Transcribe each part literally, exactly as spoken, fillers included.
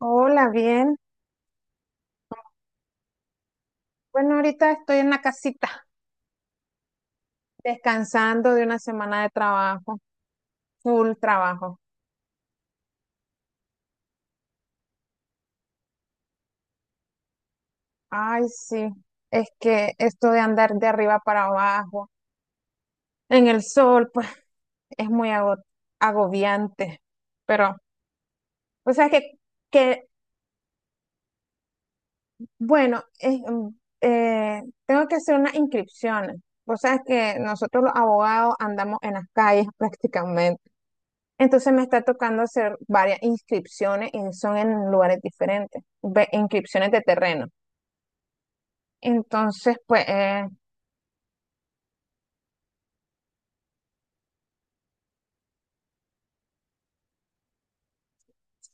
Hola, bien. Bueno, ahorita estoy en la casita, descansando de una semana de trabajo, full trabajo. Ay, sí, es que esto de andar de arriba para abajo, en el sol, pues es muy ago- agobiante. Pero, o sea que, que bueno, es, mm, eh, tengo que hacer unas inscripciones. Vos sabes que nosotros los abogados andamos en las calles prácticamente. Entonces me está tocando hacer varias inscripciones y son en lugares diferentes, ve- inscripciones de terreno. Entonces, pues, eh,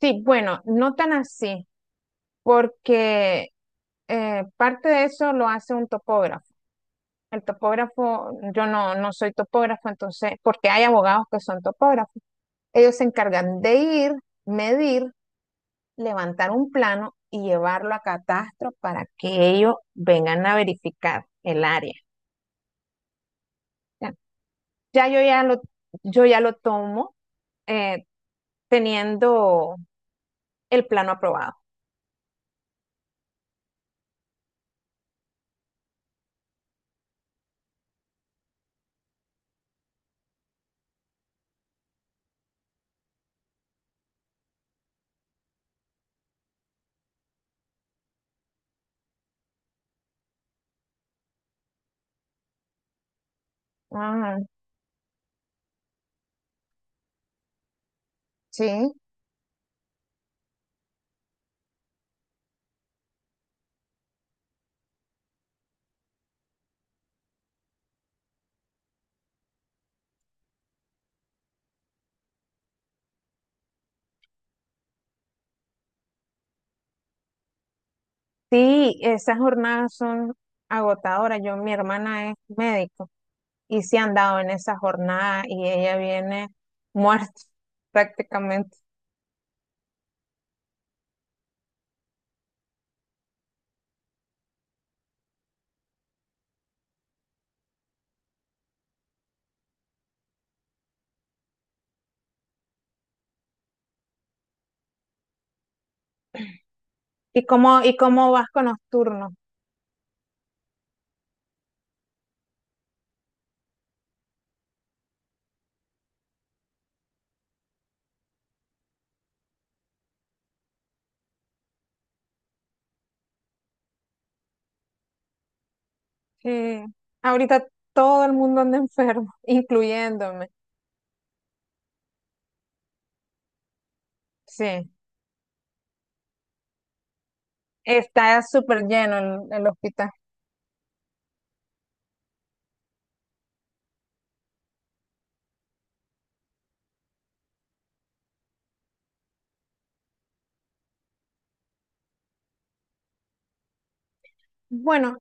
sí, bueno, no tan así, porque eh, parte de eso lo hace un topógrafo. El topógrafo, yo no, no soy topógrafo, entonces, porque hay abogados que son topógrafos. Ellos se encargan de ir, medir, levantar un plano y llevarlo a catastro para que ellos vengan a verificar el área. Ya yo ya lo, yo ya lo tomo eh, teniendo el plano aprobado. Ah, sí. Sí, esas jornadas son agotadoras. Yo, mi hermana es médico y se han dado en esa jornada y ella viene muerta prácticamente. ¿Y cómo, y cómo vas con los turnos? Eh, ahorita todo el mundo anda enfermo, incluyéndome. Sí, está súper lleno el, el hospital. Bueno,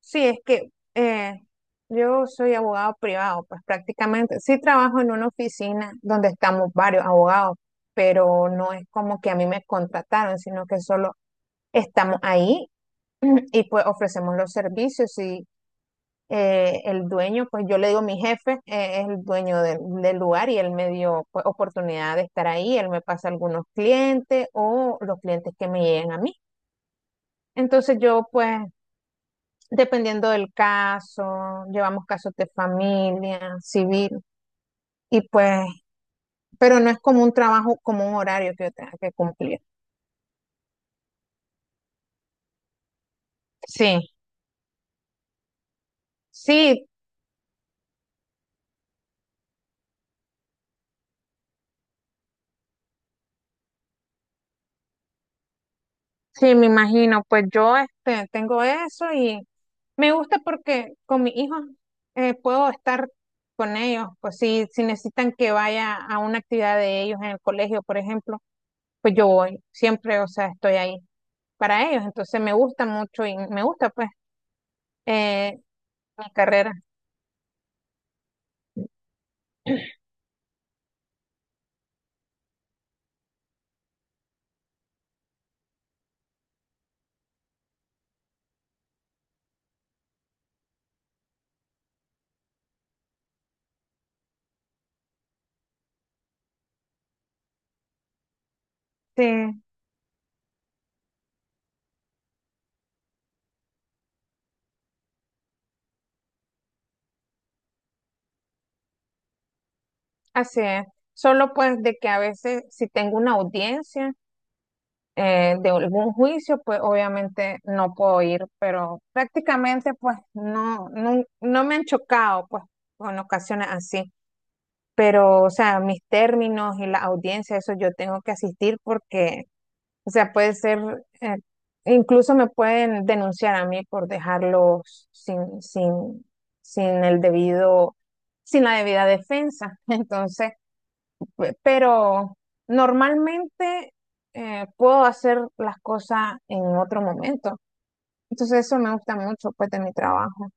sí, es que eh, yo soy abogado privado, pues prácticamente sí trabajo en una oficina donde estamos varios abogados, pero no es como que a mí me contrataron, sino que solo estamos ahí y pues ofrecemos los servicios y eh, el dueño, pues yo le digo mi jefe, eh, es el dueño del, del lugar y él me dio, pues, oportunidad de estar ahí, él me pasa algunos clientes o los clientes que me llegan a mí. Entonces yo, pues, dependiendo del caso, llevamos casos de familia, civil, y pues, pero no es como un trabajo, como un horario que yo tenga que cumplir. Sí, sí, sí, me imagino. Pues yo este, tengo eso y me gusta porque con mis hijos eh, puedo estar con ellos. Pues si, si necesitan que vaya a una actividad de ellos en el colegio, por ejemplo, pues yo voy, siempre, o sea, estoy ahí para ellos. Entonces me gusta mucho y me gusta, pues. eh, mi carrera. Sí, así es. Solo pues de que a veces si tengo una audiencia eh, de algún juicio, pues obviamente no puedo ir, pero prácticamente pues no, no, no me han chocado pues con ocasiones así. Pero, o sea, mis términos y la audiencia, eso yo tengo que asistir porque o sea, puede ser, eh, incluso me pueden denunciar a mí por dejarlos sin, sin, sin el debido, sin la debida defensa. Entonces, pe- pero normalmente eh, puedo hacer las cosas en otro momento. Entonces, eso me gusta mucho, pues, de mi trabajo.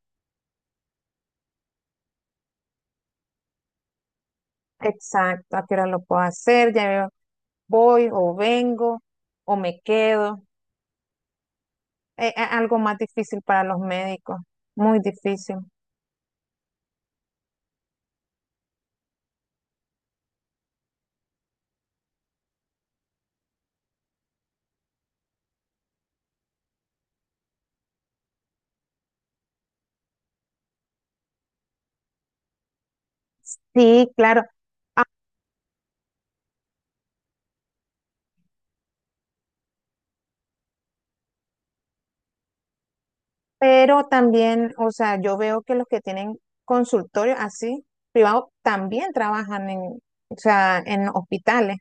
Exacto, a qué hora lo puedo hacer, ya veo, voy o vengo o me quedo. Es algo más difícil para los médicos, muy difícil. Sí, claro. Ah, pero también, o sea, yo veo que los que tienen consultorios así privados también trabajan en, o sea, en hospitales.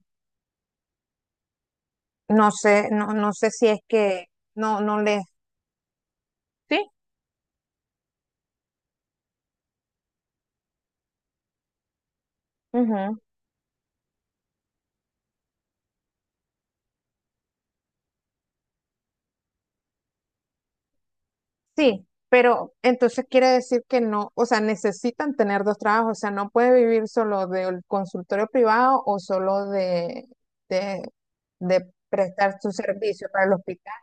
No sé, no, no sé si es que no, no les. Sí, ujú. Sí, pero entonces quiere decir que no, o sea, necesitan tener dos trabajos, o sea, no puede vivir solo del consultorio privado o solo de, de, de prestar su servicio para el hospital.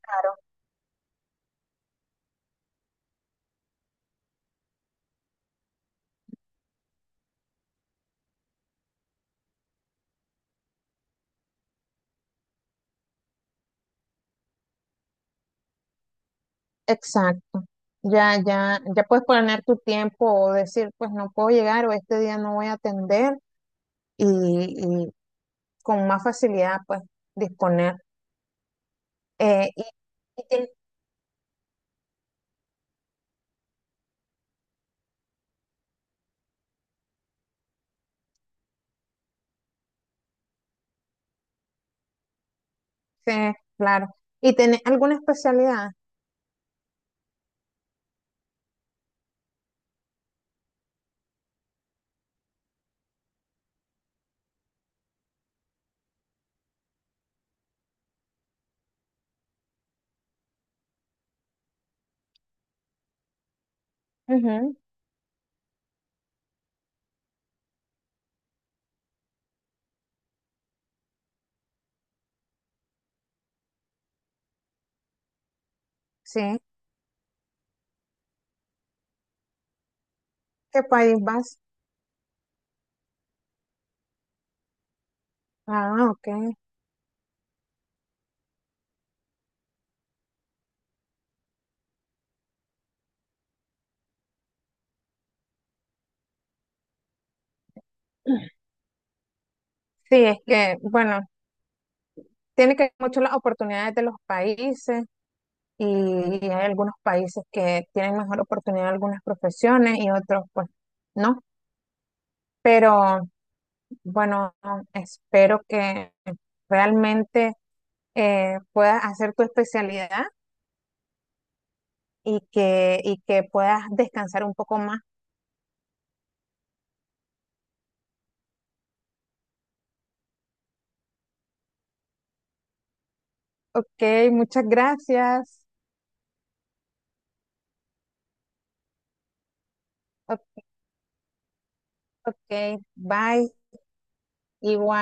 Claro, exacto. Ya, ya, ya puedes poner tu tiempo o decir, pues no puedo llegar o este día no voy a atender y, y con más facilidad, pues, disponer. Eh, y, y ten- sí, claro. ¿Y tenés alguna especialidad? Ujú. Sí. ¿Qué país vas? Ah, ok. Sí, es que, bueno, tiene que ver mucho las oportunidades de los países y, y hay algunos países que tienen mejor oportunidad de algunas profesiones y otros, pues, no. Pero bueno, espero que realmente eh, puedas hacer tu especialidad y que, y que puedas descansar un poco más. Ok, muchas gracias. Ok, ok, bye. Igual.